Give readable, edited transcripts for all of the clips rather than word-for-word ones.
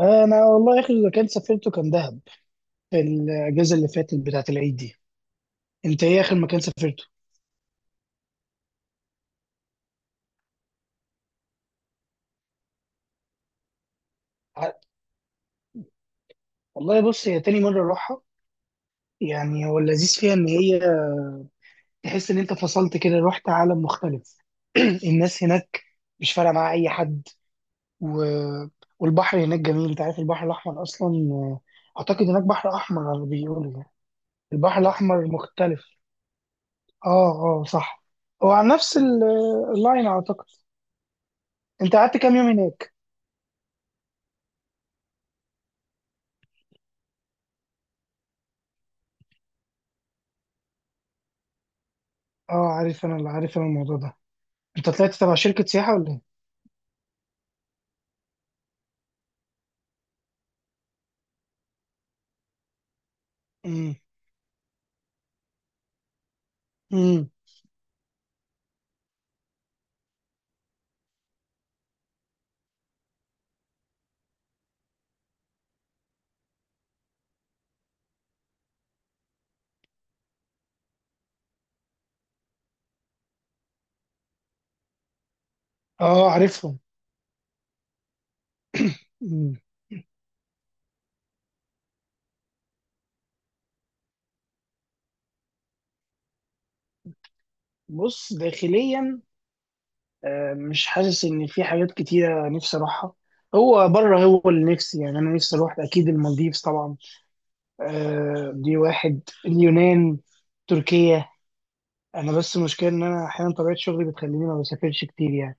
انا والله اخر مكان سافرته كان دهب في الاجازه اللي فاتت بتاعه العيد دي. انت ايه اخر مكان سافرته؟ ع- والله بص هي تاني مره اروحها. يعني هو اللذيذ فيها ان هي تحس ان انت فصلت كده رحت عالم مختلف. الناس هناك مش فارقه معاها اي حد. و... والبحر هناك جميل. انت عارف البحر الاحمر اصلا، اعتقد هناك بحر احمر على اللي بيقولوا يعني. البحر الاحمر مختلف. اه، اه صح. هو على نفس اللاين اعتقد. انت قعدت كام يوم هناك؟ اه عارف انا، اللي عارف انا الموضوع ده. انت طلعت تبع شركة سياحة ولا ايه؟ امم. امم. اه عارفهم. مم. بص داخليا، مش حاسس ان في حاجات كتيرة نفسي اروحها. هو بره هو اللي نفسي. يعني انا نفسي اروح اكيد المالديفز طبعا. دي واحد. اليونان. تركيا. انا بس المشكلة ان انا احيانا طبيعة شغلي بتخليني ما بسافرش كتير يعني.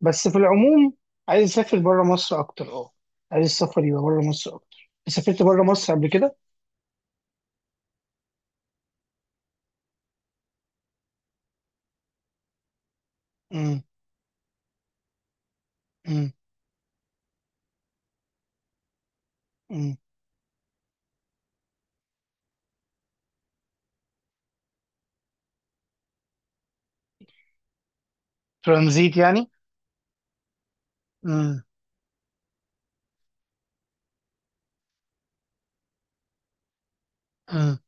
بس في العموم عايز اسافر بره مصر اكتر. اه عايز السفر يبقى بره مصر اكتر. سافرت بره مصر قبل كده. امم. امم. امم. ترانزيت يعني. امم. امم.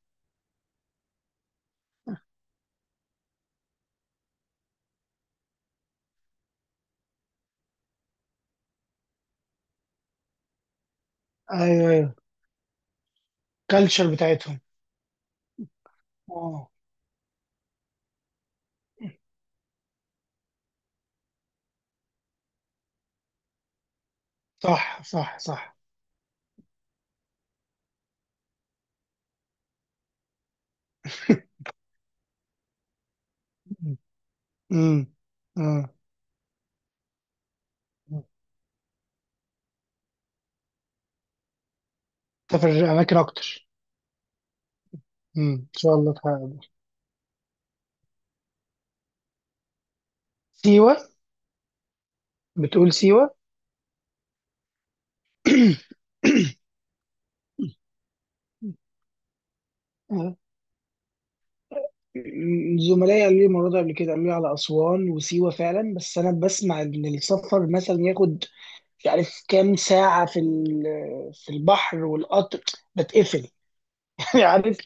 ايوه، ايوه. كلتشر بتاعتهم. اه صح، صح، صح. امم. امم. سافر اماكن اكتر. امم، ان شاء الله تحقق ده. سيوه. بتقول سيوه. زملائي قالوا لي المره دي، قبل كده قالوا لي على اسوان وسيوه فعلا. بس انا بسمع ان السفر مثلا ياخد مش عارف كام ساعه في البحر والقطر بتقفل. يعني عارف.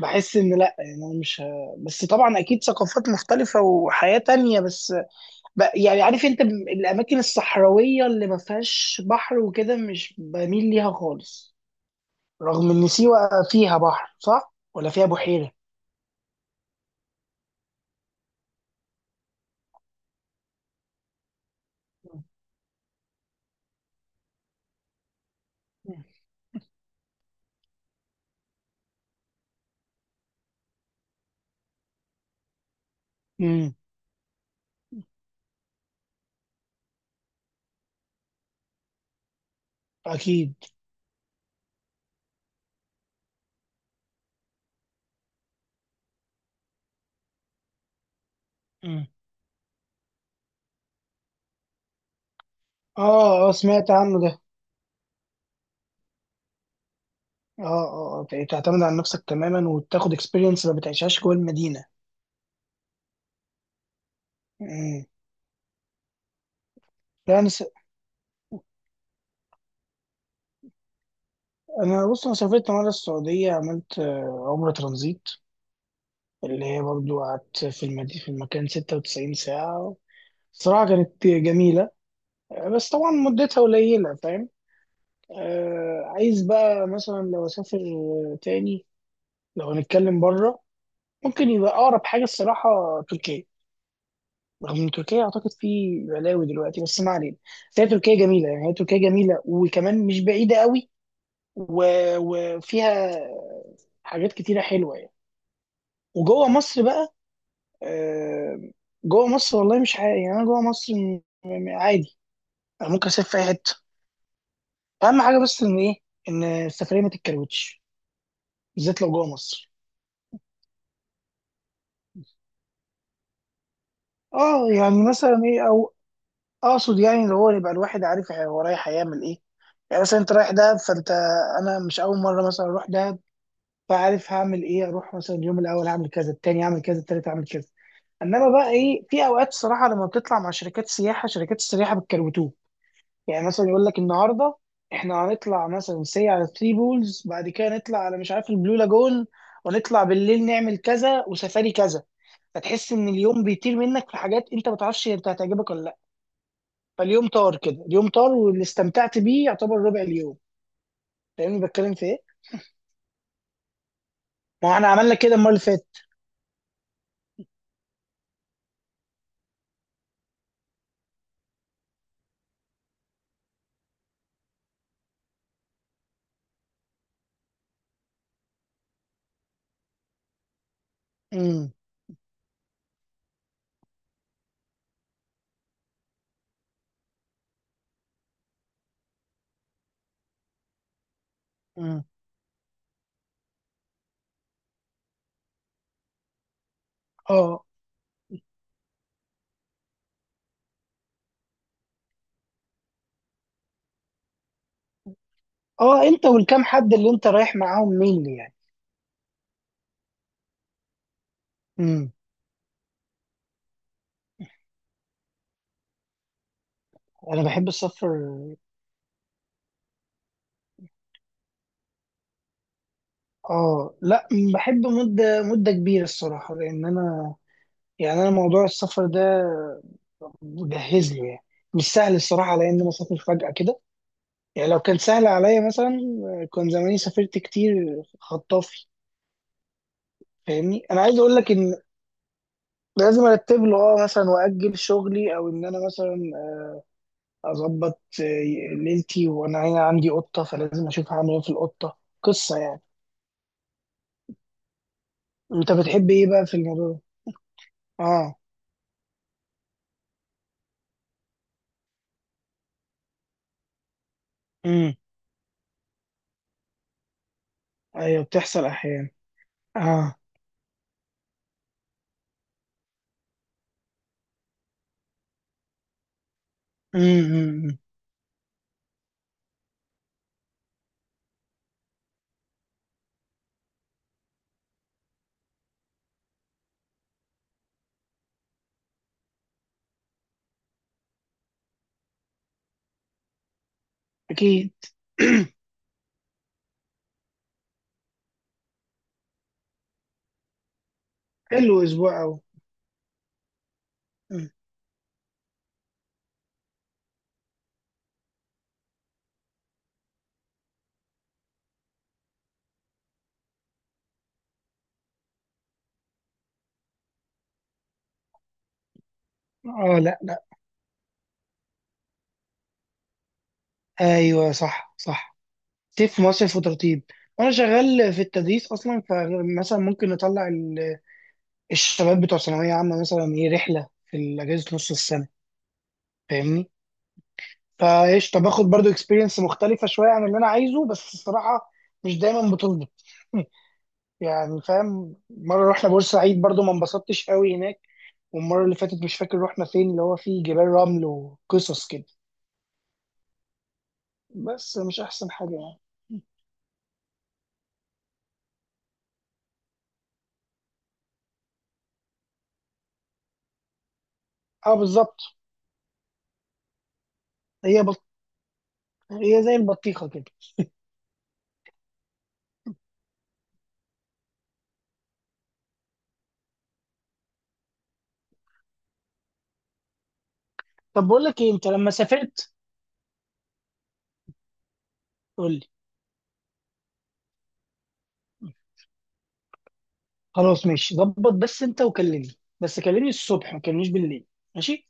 بحس ان لا. يعني انا مش بس طبعا اكيد ثقافات مختلفه وحياه تانية. بس يعني عارف انت، الاماكن الصحراويه اللي ما فيهاش بحر وكده مش بميل ليها خالص. رغم ان سيوه فيها بحر، صح ولا فيها بحيره؟ امم. اكيد. مم. اه، اه سمعت عنه ده. اه، اه، تعتمد على نفسك تماما وتاخد اكسبيرينس ما بتعيشهاش جوه المدينه. امم. لا انا انا بص انا سافرت مره السعوديه. عملت عمره ترانزيت اللي هي برضو قعدت في المكان 96 ساعة. صراحة كانت جميلة. بس طبعا مدتها قليلة فاهم. عايز بقى مثلا لو أسافر تاني، لو هنتكلم بره، ممكن يبقى أقرب حاجة الصراحة تركيا. رغم إن تركيا أعتقد في بلاوي دلوقتي بس ما علينا. بس هي تركيا جميلة. يعني هي تركيا جميلة وكمان مش بعيدة قوي و... وفيها حاجات كتيرة حلوة يعني. وجوه مصر بقى، آه، جوه مصر والله مش عادي. يعني انا جوه مصر عادي. أنا ممكن اسافر في اي حته. اهم حاجه بس ان ايه؟ ان السفريه ما تتكروتش، بالذات لو جوه مصر. اه يعني مثلا ايه، او اقصد يعني اللي هو يبقى الواحد عارف هو رايح هيعمل ايه. يعني مثلا انت رايح دهب فانت، انا مش اول مره مثلا اروح دهب فعارف هعمل ايه. اروح مثلا اليوم الاول هعمل كذا، التاني هعمل كذا، التالت هعمل كذا. انما بقى ايه، في اوقات صراحه لما بتطلع مع شركات سياحه شركات السياحه بتكروتوك. يعني مثلا يقول لك النهارده احنا هنطلع مثلا سي على ثري بولز، بعد كده نطلع على مش عارف البلو لاجون، ونطلع بالليل نعمل كذا وسفاري كذا. فتحس ان اليوم بيطير منك، في حاجات انت ما تعرفش انت هتعجبك ولا لا. فاليوم طار كده، اليوم طار، واللي استمتعت بيه يعتبر ربع اليوم. فاهمني بتكلم في ايه؟ ما هو احنا عملنا كده المره اللي فاتت. امم. امم. اه، اه. انت والكام حد اللي انت رايح معاهم مين يعني؟ امم. انا بحب السفر. اه، لا بحب مده مده كبيره الصراحه. لان انا يعني انا موضوع السفر ده مجهز له يعني. مش سهل الصراحه على ان انا اسافر فجاه كده. يعني لو كان سهل عليا مثلا كان زماني سافرت كتير خطافي. فاهمني، انا عايز اقول لك ان لازم ارتب له. اه مثلا واجل شغلي او ان انا مثلا اظبط ليلتي، وانا هنا عندي قطه فلازم اشوف هعمل ايه في القطه، قصه يعني. انت بتحب ايه بقى في الموضوع ده؟ اه. امم. ايوه بتحصل احيانا. اه. امم. أمم، أمم. اكيد. حلو اسبوع أوي. مم. اه، لا، لا. ايوه صح، صح. تف مصرف وترطيب. وانا شغال في التدريس اصلا فمثلا ممكن نطلع الشباب بتوع ثانويه عامه مثلا، ايه رحله في اجازه نص السنه. فاهمني؟ فايش طب اخد برضو اكسبيرينس مختلفه شويه عن اللي انا عايزه، بس الصراحه مش دايما بتظبط. يعني فاهم، مره رحنا بورسعيد برضو ما انبسطتش قوي هناك. والمره اللي فاتت مش فاكر رحنا فين، اللي هو فيه جبال رمل وقصص كده، بس مش احسن حاجه يعني. اه بالظبط. هي هي زي البطيخة كده. طب بقول لك ايه انت لما سافرت؟ قول لي. خلاص ماشي ظبط، بس انت وكلمني، بس كلمني الصبح ما تكلمنيش بالليل. ماشي.